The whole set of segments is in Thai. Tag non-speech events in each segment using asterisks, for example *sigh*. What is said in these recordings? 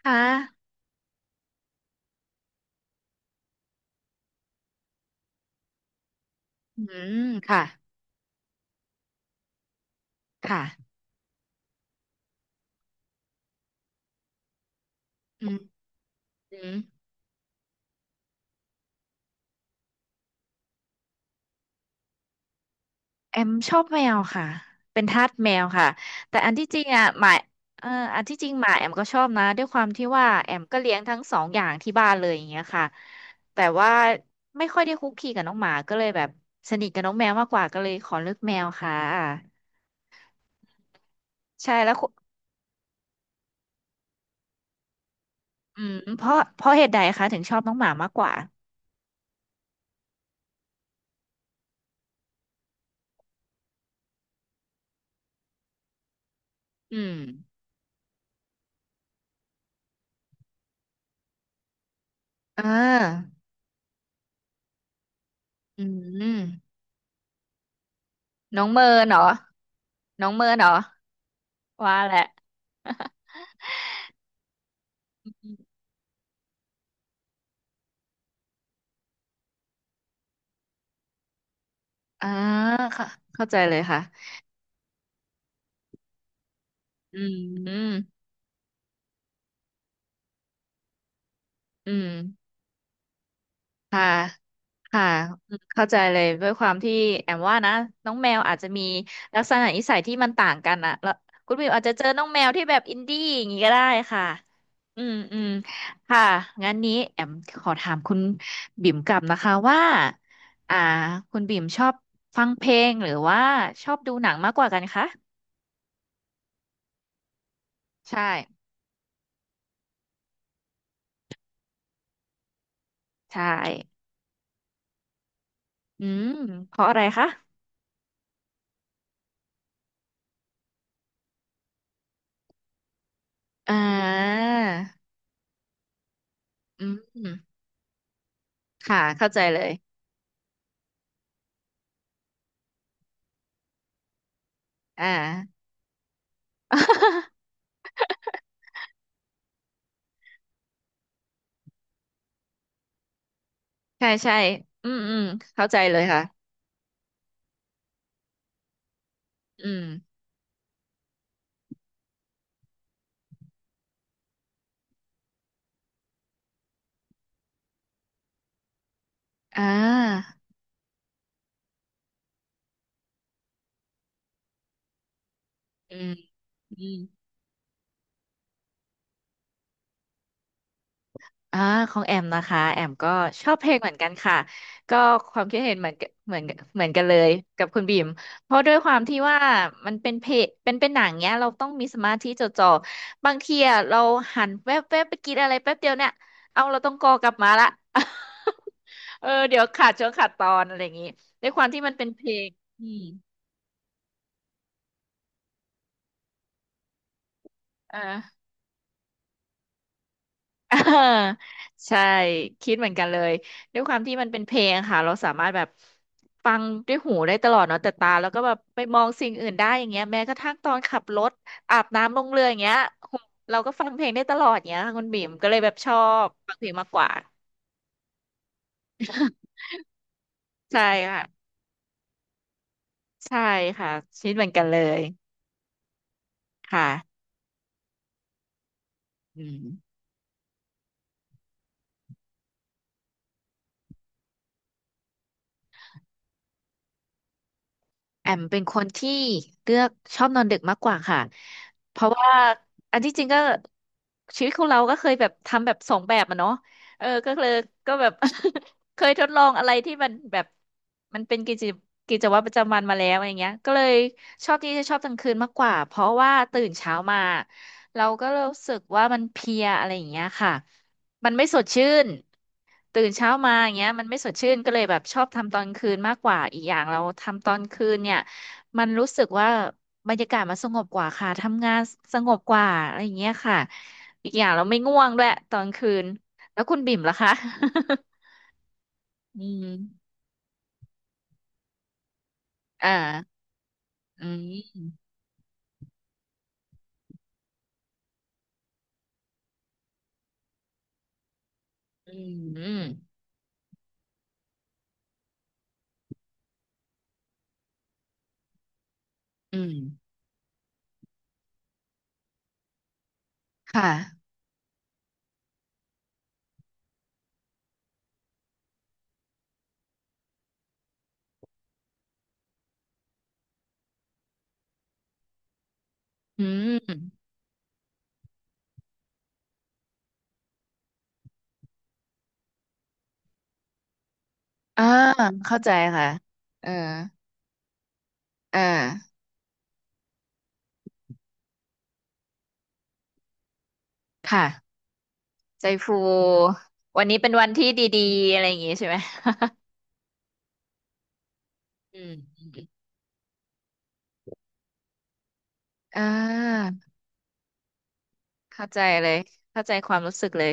ค่ะอืมค่ะค่ะอืมอืมแอมชอบแมวค่ะเป็นทาสแมวค่ะแต่อันที่จริงอ่ะหมาเอ่ออันที่จริงหมาแอมก็ชอบนะด้วยความที่ว่าแอมก็เลี้ยงทั้งสองอย่างที่บ้านเลยอย่างเงี้ยค่ะแต่ว่าไม่ค่อยได้คุกคีกับน้องหมาก็เลยแบบสนิทกับน้องแมวมากกว่าก็เลยขอเลือกแมวค่ะใช่แล้วคุอืมเพราะเหตุใดคะถึงชอบน้องหมามากกว่าอืมอ่าอืมน้องเมินเหรอน้องเมินเหรอ ว่าแหละ *laughs* อ่าค่ะเข้าใจเลยค่ะอืมอืมอืมค่ะค่ะเข้าใจเลยด้วยความที่แอมว่านะน้องแมวอาจจะมีลักษณะนิสัยที่มันต่างกันอะแล้วคุณวิวอาจจะเจอน้องแมวที่แบบอินดี้อย่างนี้ก็ได้ค่ะอืมอืมค่ะงั้นนี้แอมขอถามคุณบิ่มกลับนะคะว่าอ่าคุณบิ่มชอบฟังเพลงหรือว่าชอบดูหนังมากกว่ากันคะใช่ใช่ อืมเพราะอะไรคะอ่าอืมค่ะเข้าใจเลยอ่า *laughs* ใช่ใช่อืมอืมเข้าใจเลยค่ะอืมอ่าอืม อ่าของแอมนะคะแอมก็ชอบเพลงเหมือนกันค่ะก็ความคิดเห็นเหมือนกันเหมือนเหมือนกันเลยกับคุณบีมเพราะด้วยความที่ว่ามันเป็นเพลงเป็นหนังเนี้ยเราต้องมีสมาธิจดจ่อบางทีอะเราหันแวบไปกินอะไรแป๊บเดียวเนี่ยเอาเราต้องกอกลับมาละ *laughs* เออเดี๋ยวขาดช่วงขาดตอนอะไรอย่างงี้ด้วยความที่มันเป็นเพลงอืมอ่า *laughs* อ่าใช่คิดเหมือนกันเลยด้วยความที่มันเป็นเพลงค่ะเราสามารถแบบฟังด้วยหูได้ตลอดเนาะแต่ตาแล้วก็แบบไปมองสิ่งอื่นได้อย่างเงี้ยแม้กระทั่งตอนขับรถอาบน้ำลงเรืออย่างเงี้ยหูเราก็ฟังเพลงได้ตลอดเงี้ยค่ะคุณบิ่มก็เลยแบบชอบฟังเพลงมากกว่า *laughs* ใช่ค่ะใช่ค่ะคิดเหมือนกันเลยค่ะอืม แอมเป็นคนที่เลือกชอบนอนดึกมากกว่าค่ะเพราะว่าอันที่จริงก็ชีวิตของเราก็เคยแบบทำแบบสองแบบอะเนาะเออก็เลยก็แบบ *laughs* เคยทดลองอะไรที่มันแบบมันเป็นกิจวัตรประจำวันมาแล้วอย่างเงี้ยก็เลยชอบที่จะชอบกลางคืนมากกว่าเพราะว่าตื่นเช้ามาเราก็รู้สึกว่ามันเพลียอะไรอย่างเงี้ยค่ะมันไม่สดชื่น ตื่นเช้ามาอย่างเงี้ยมันไม่สดชื่นก็เลยแบบชอบทำตอนคืนมากกว่าอีกอย่างเราทำตอนคืนเนี่ยมันรู้สึกว่าบรรยากาศมันสงบกว่าค่ะทำงานสงบกว่าอะไรอย่างเงี้ยค่ะอีกอย่างเราไม่ง่วงด้วยตอนคืนแล้วคุณบิ่มล่ะคะ *laughs* อืมอ่าอืมอืมอืมอืมค่ะอืมอ่าเข้าใจค่ะเออเออค่ะใจฟูวันนี้เป็นวันที่ดีๆอะไรอย่างงี้ใช่ไหม *laughs* อืม อ่าเข้าใจเลยเข้าใจความรู้สึกเลย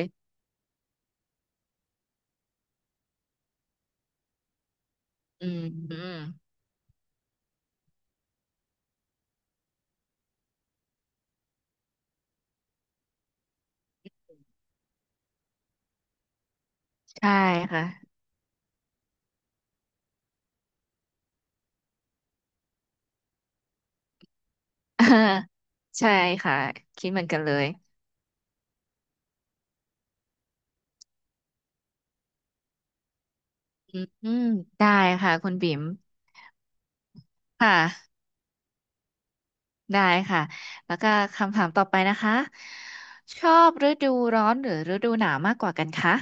อืมอืมใช่ค่ะ *laughs* อ่าใช่ค่ะคิดเหมือนกันเลยอืมอืมได้ค่ะคุณบิ๋มค่ะได้ค่ะแล้วก็คำถามต่อไปนะคะชอบฤดูร้อนหรือฤดูหนาวมากกว่ากันคะ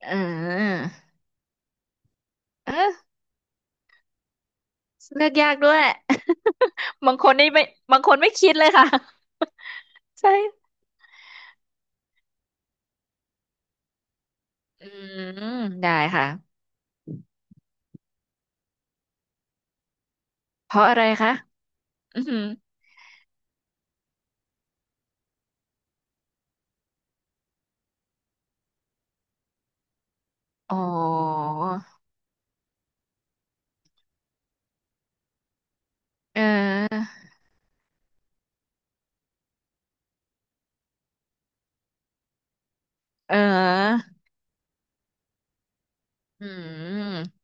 เออเออเลือกยากด้วย *laughs* บางคนนี่ไม่บางคนไม่คิดเลยค่ะ *laughs* ใช่อืมได้ค่ะเพราะอะไรคะอืม อ๋อเออเอออืม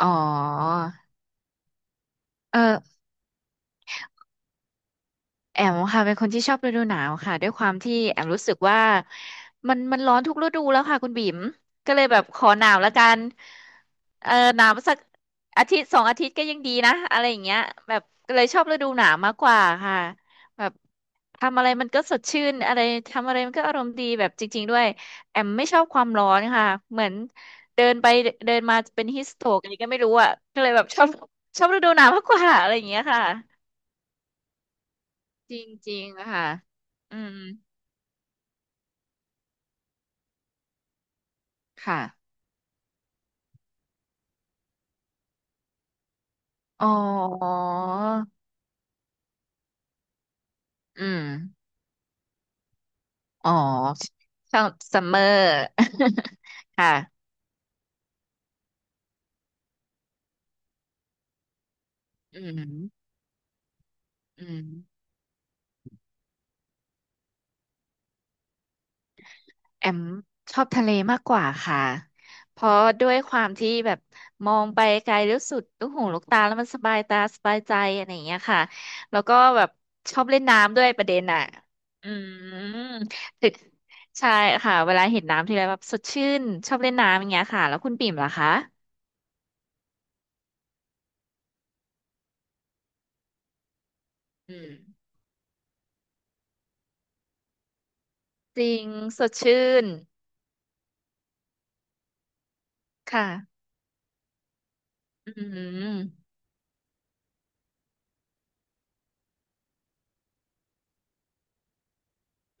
อ๋อเออ แอมค่ะเป็นคนที่ชอบฤดูหนาวค่ะด้วยความที่แอมรู้สึกว่ามันมันร้อนทุกฤดูแล้วค่ะคุณบิ๋มก็เลยแบบขอหนาวแล้วกันเออหนาวสักอาทิตย์สองอาทิตย์ก็ยังดีนะอะไรอย่างเงี้ยแบบก็เลยชอบฤดูหนาวมากกว่าค่ะแบบทำอะไรมันก็สดชื่นอะไรทำอะไรมันก็อารมณ์ดีแบบจริงๆด้วยแอมไม่ชอบความร้อนค่ะเหมือนเดินไปเดินมาเป็นฮิสโตรกอะไรก็ไม่รู้อ่ะก็เลยแบบชอบชอบฤดูหนาวมากกว่าอะไรอย่างเงี้ยค่ะ จริงๆค่ะอืมค่ะ อ๋ออืมอ๋อซัมเมอร์ *laughs* ค่ะอืมอืม แอมชอบทะเลมากกว่าค่ะเพราะด้วยความที่แบบมองไปไกลแล้วสุดลูกหูลูกตาแล้วมันสบายตาสบายใจอะไรอย่างเงี้ยค่ะ แล้วก็แบบชอบเล่นน้ำด้วยประเด็นอ่ะอืม *laughs* ถึงใช่ค่ะเวลาเห็นน้ำทีไรแบบสดชื่นชอบเล่นน้ำอย่างเงี้ยค่ะ แล้วคุณปิ่มล่ะคะอืมจริงสดชื่นค่ะอืม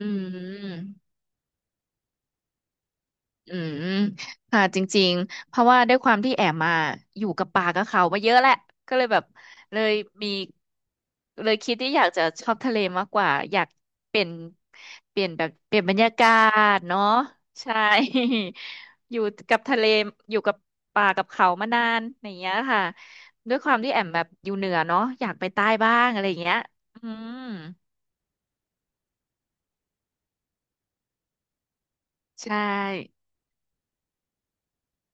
อืม อืมค่ะจริงๆเพราะว่าด้วยความที่แอมมาอยู่กับป่ากับเขามาเยอะแหละก็เลยแบบเลยมีเลยคิดที่อยากจะชอบทะเลมากกว่าอยากเปลี่ยนเปลี่ยนแบบเปลี่ยนบรรยากาศเนาะใช่ *laughs* อยู่กับทะเลอยู่กับป่ากับเขามานานอย่างเงี้ยค่ะด้วยความที่แอมแบบอยู่เหนือเนาะอยากไปใต้บ้างอะไรอย่างเงี้ยอืมใช่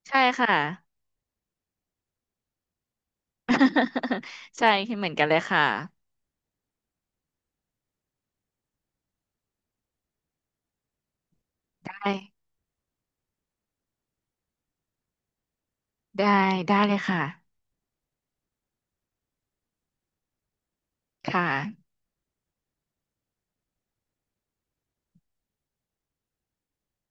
ใช่ค่ะ *laughs* ใช่คิดเหมือนกันเลยค่ะได้ ได้ได้เลยค่ะค่ะ